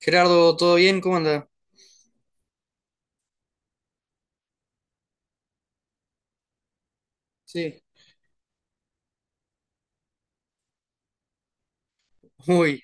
Gerardo, ¿todo bien? ¿Cómo anda? Sí, uy,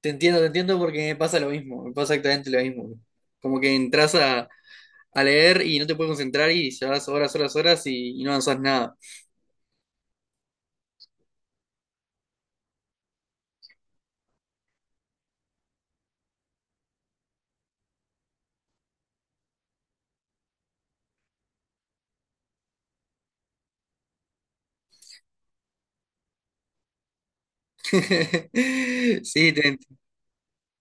te entiendo porque me pasa lo mismo, me pasa exactamente lo mismo. Como que entras a leer y no te puedes concentrar y llevas horas, horas, horas y no avanzas nada. Sí,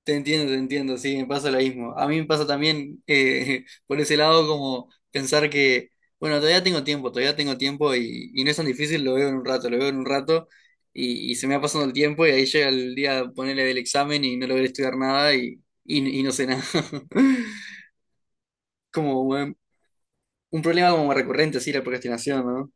te entiendo, te entiendo, sí, me pasa lo mismo. A mí me pasa también por ese lado, como pensar que, bueno, todavía tengo tiempo y no es tan difícil, lo veo en un rato, lo veo en un rato y se me va pasando el tiempo y ahí llega el día ponerle del examen y no logré estudiar nada y no sé nada. Como un problema como recurrente, sí, la procrastinación, ¿no?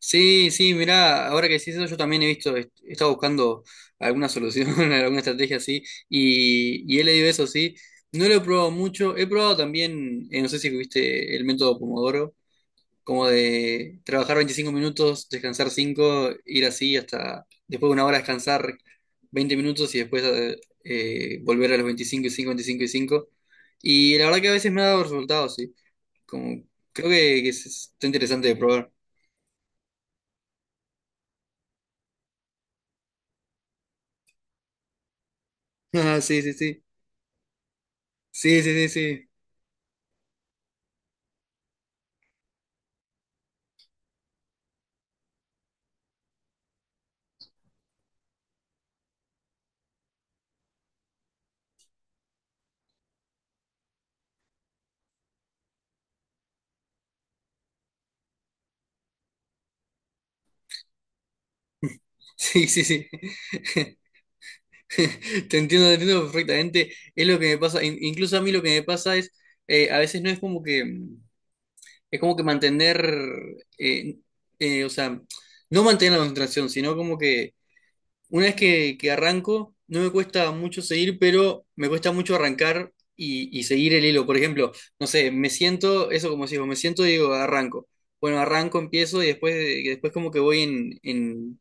Sí, sí, mirá, ahora que decís eso, yo también he visto, he estado buscando alguna solución, alguna estrategia así, y he leído eso, sí. No lo he probado mucho, he probado también, no sé si viste el método Pomodoro, como de trabajar 25 minutos, descansar 5, ir así hasta después de 1 hora descansar 20 minutos y después volver a los 25 y 5, 25 y cinco. Y la verdad que a veces me ha dado resultados, sí. Como, creo que está interesante de probar. Ah, sí, sí, sí. Sí, sí, sí, sí. Sí, sí, sí. Te entiendo perfectamente. Es lo que me pasa. Incluso a mí lo que me pasa es, a veces no es como que, es como que mantener, eh, o sea, no mantener la concentración, sino como que una vez que arranco, no me cuesta mucho seguir, pero me cuesta mucho arrancar y seguir el hilo. Por ejemplo, no sé, me siento, eso como si me siento y digo, arranco. Bueno, arranco, empiezo y después como que voy en, en,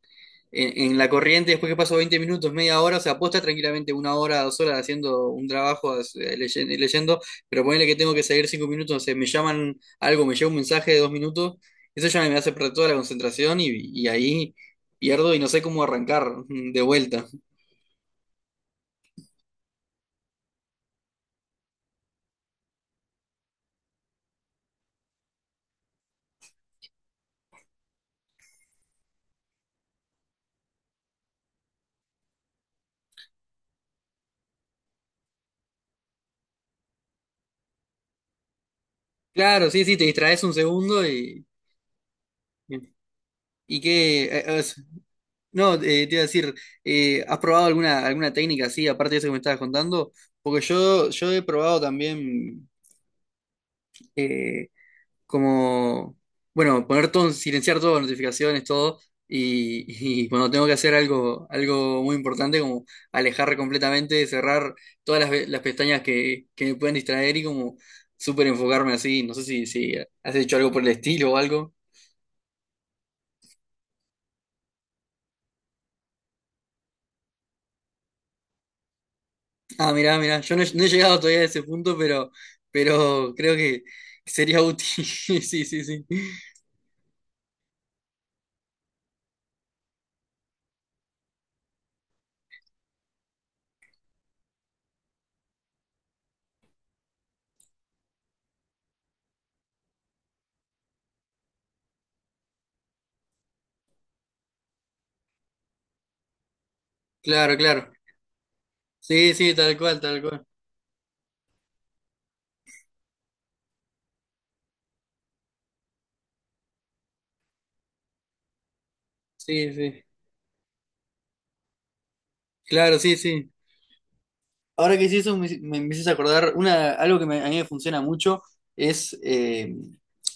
en- en la corriente, después que paso 20 minutos, media hora, o sea, puedo estar tranquilamente 1 hora, 2 horas haciendo un trabajo, leyendo, pero ponele que tengo que seguir 5 minutos, no sé, me llaman algo, me llega un mensaje de 2 minutos, eso ya me hace perder toda la concentración y ahí pierdo y no sé cómo arrancar de vuelta. Claro, sí, sí, te distraes un segundo y. ¿Y qué? No, te iba a decir, ¿has probado alguna técnica así, aparte de eso que me estabas contando? Porque yo he probado también. eh, Como, bueno, poner todo, silenciar todas las notificaciones, todo, y, y cuando tengo que hacer algo, algo muy importante, como alejar completamente, cerrar todas las pestañas que me pueden distraer y como súper enfocarme así, no sé si has hecho algo por el estilo o algo. Ah, mirá, mirá, yo no, he no he llegado todavía a ese punto, pero creo que sería útil. Sí, sí, sí. Claro, claro. Sí, sí, tal cual, tal cual. Sí, sí. Claro, sí, sí. Ahora que hiciste eso, me empiezas a acordar, a mí me funciona mucho, es,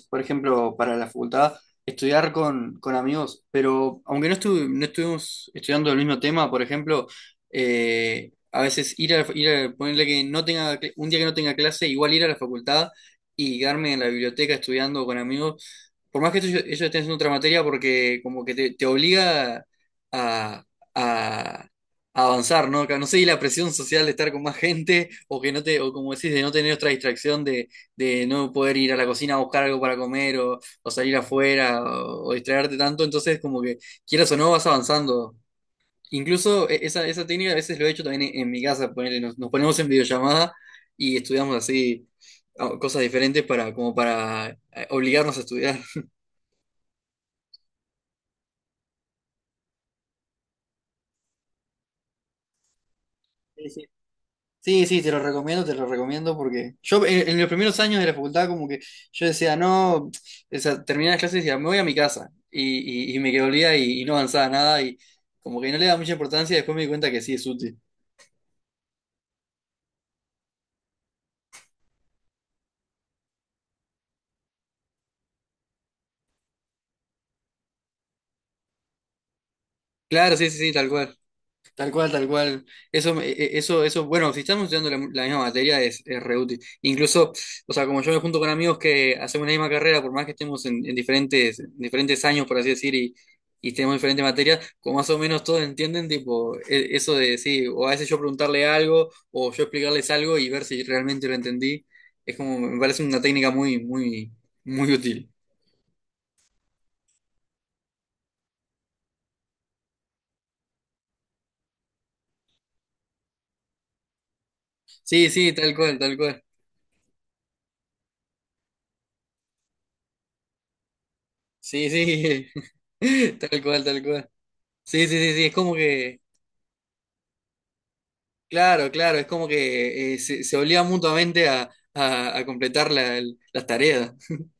por ejemplo, para la facultad, estudiar con amigos, pero aunque no, no estuvimos estudiando el mismo tema, por ejemplo, a veces ponerle que no tenga, un día que no tenga clase, igual ir a la facultad y quedarme en la biblioteca estudiando con amigos, por más que ellos estén haciendo otra materia, porque como que te obliga a, a- a avanzar, ¿no? Que no sé, y la presión social de estar con más gente, o que no te, o como decís, de no tener otra distracción, de no poder ir a la cocina a buscar algo para comer, o salir afuera, o distraerte tanto, entonces como que quieras o no, vas avanzando. Incluso esa técnica a veces lo he hecho también en mi casa, ponele, nos ponemos en videollamada y estudiamos así cosas diferentes como para obligarnos a estudiar. Sí, sí, te lo recomiendo porque yo en los primeros años de la facultad, como que yo decía, no, o sea, terminaba las clases y decía, me voy a mi casa y me quedé olvidada y no avanzaba nada y como que no le daba mucha importancia y después me di cuenta que sí es útil. Claro, sí, sí, sí, tal cual. Tal cual, tal cual. Eso, bueno, si estamos estudiando la misma materia, es re útil. Incluso, o sea, como yo me junto con amigos que hacemos la misma carrera, por más que estemos en diferentes años, por así decir, y tenemos diferentes materias, como más o menos todos entienden, tipo, eso de, sí, o a veces yo preguntarle algo, o yo explicarles algo y ver si realmente lo entendí, es como, me parece una técnica muy, muy, muy útil. Sí, sí, tal cual, tal cual. Sí, sí, tal cual, tal cual. Sí, sí, sí, sí, es como que. Claro, claro, es como que se obliga mutuamente a completar las tareas.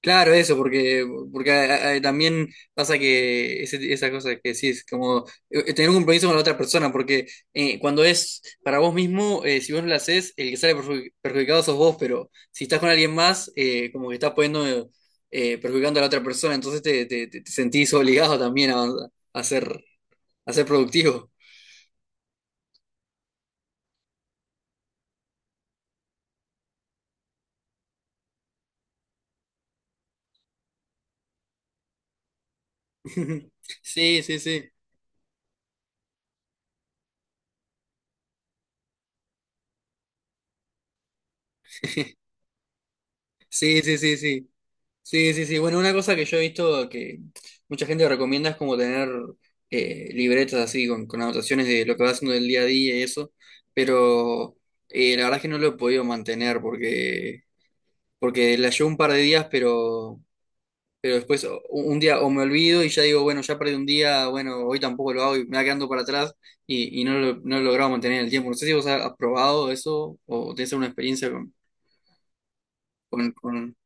Claro, eso, porque ah, ah, también pasa que ese, esa cosa que decís, como tener un compromiso con la otra persona, porque cuando es para vos mismo, si vos no lo haces, el que sale perjudicado sos vos, pero si estás con alguien más, como que estás poniendo, perjudicando a la otra persona, entonces te sentís obligado también a ser, a ser productivo. Sí, sí, sí. Sí, sí, sí, sí. Sí, sí, sí. Bueno, una cosa que yo he visto que mucha gente recomienda es como tener libretas así, con anotaciones de lo que va haciendo del día a día y eso. Pero la verdad es que no lo he podido mantener, porque la llevo un par de días, pero después un día o me olvido y ya digo, bueno, ya perdí un día, bueno, hoy tampoco lo hago y me va quedando para atrás y no lo, no he logrado mantener el tiempo. No sé si vos has probado eso o tenés alguna experiencia con.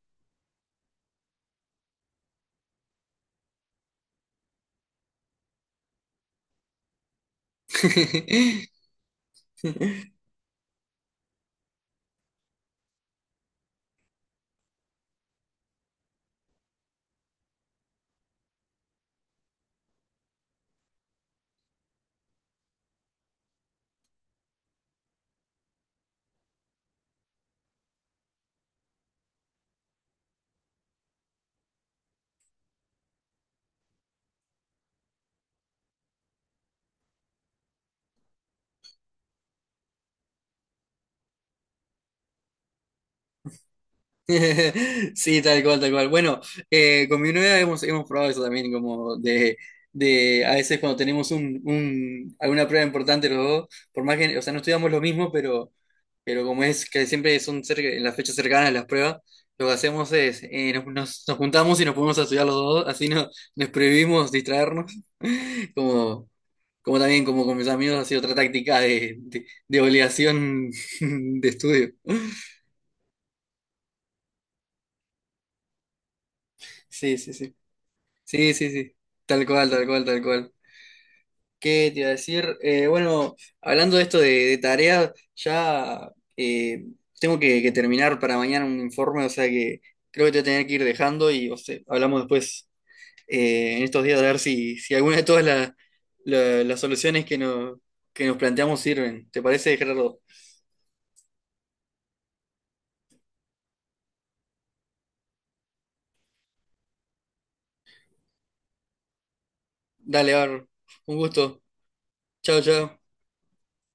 Sí, tal cual, tal cual. Bueno, con mi novia hemos probado eso también, como de a veces cuando tenemos alguna prueba importante los dos, por más que, o sea, no estudiamos lo mismo, pero como es que siempre son en las fechas cercanas las pruebas, lo que hacemos es nos juntamos y nos ponemos a estudiar los dos, así no, nos prohibimos distraernos, como, como también como con mis amigos ha sido otra táctica de, de obligación de estudio. Sí, sí, sí. Sí, sí, sí. Tal cual, tal cual, tal cual. ¿Qué te iba a decir? Bueno, hablando de esto de, tareas, ya eh, tengo que terminar para mañana un informe, o sea que creo que te voy a tener que ir dejando y, o sea, hablamos después, en estos días, de ver si alguna de todas las soluciones que nos planteamos sirven. ¿Te parece, Gerardo? Dale. A Un gusto. Chao, chao.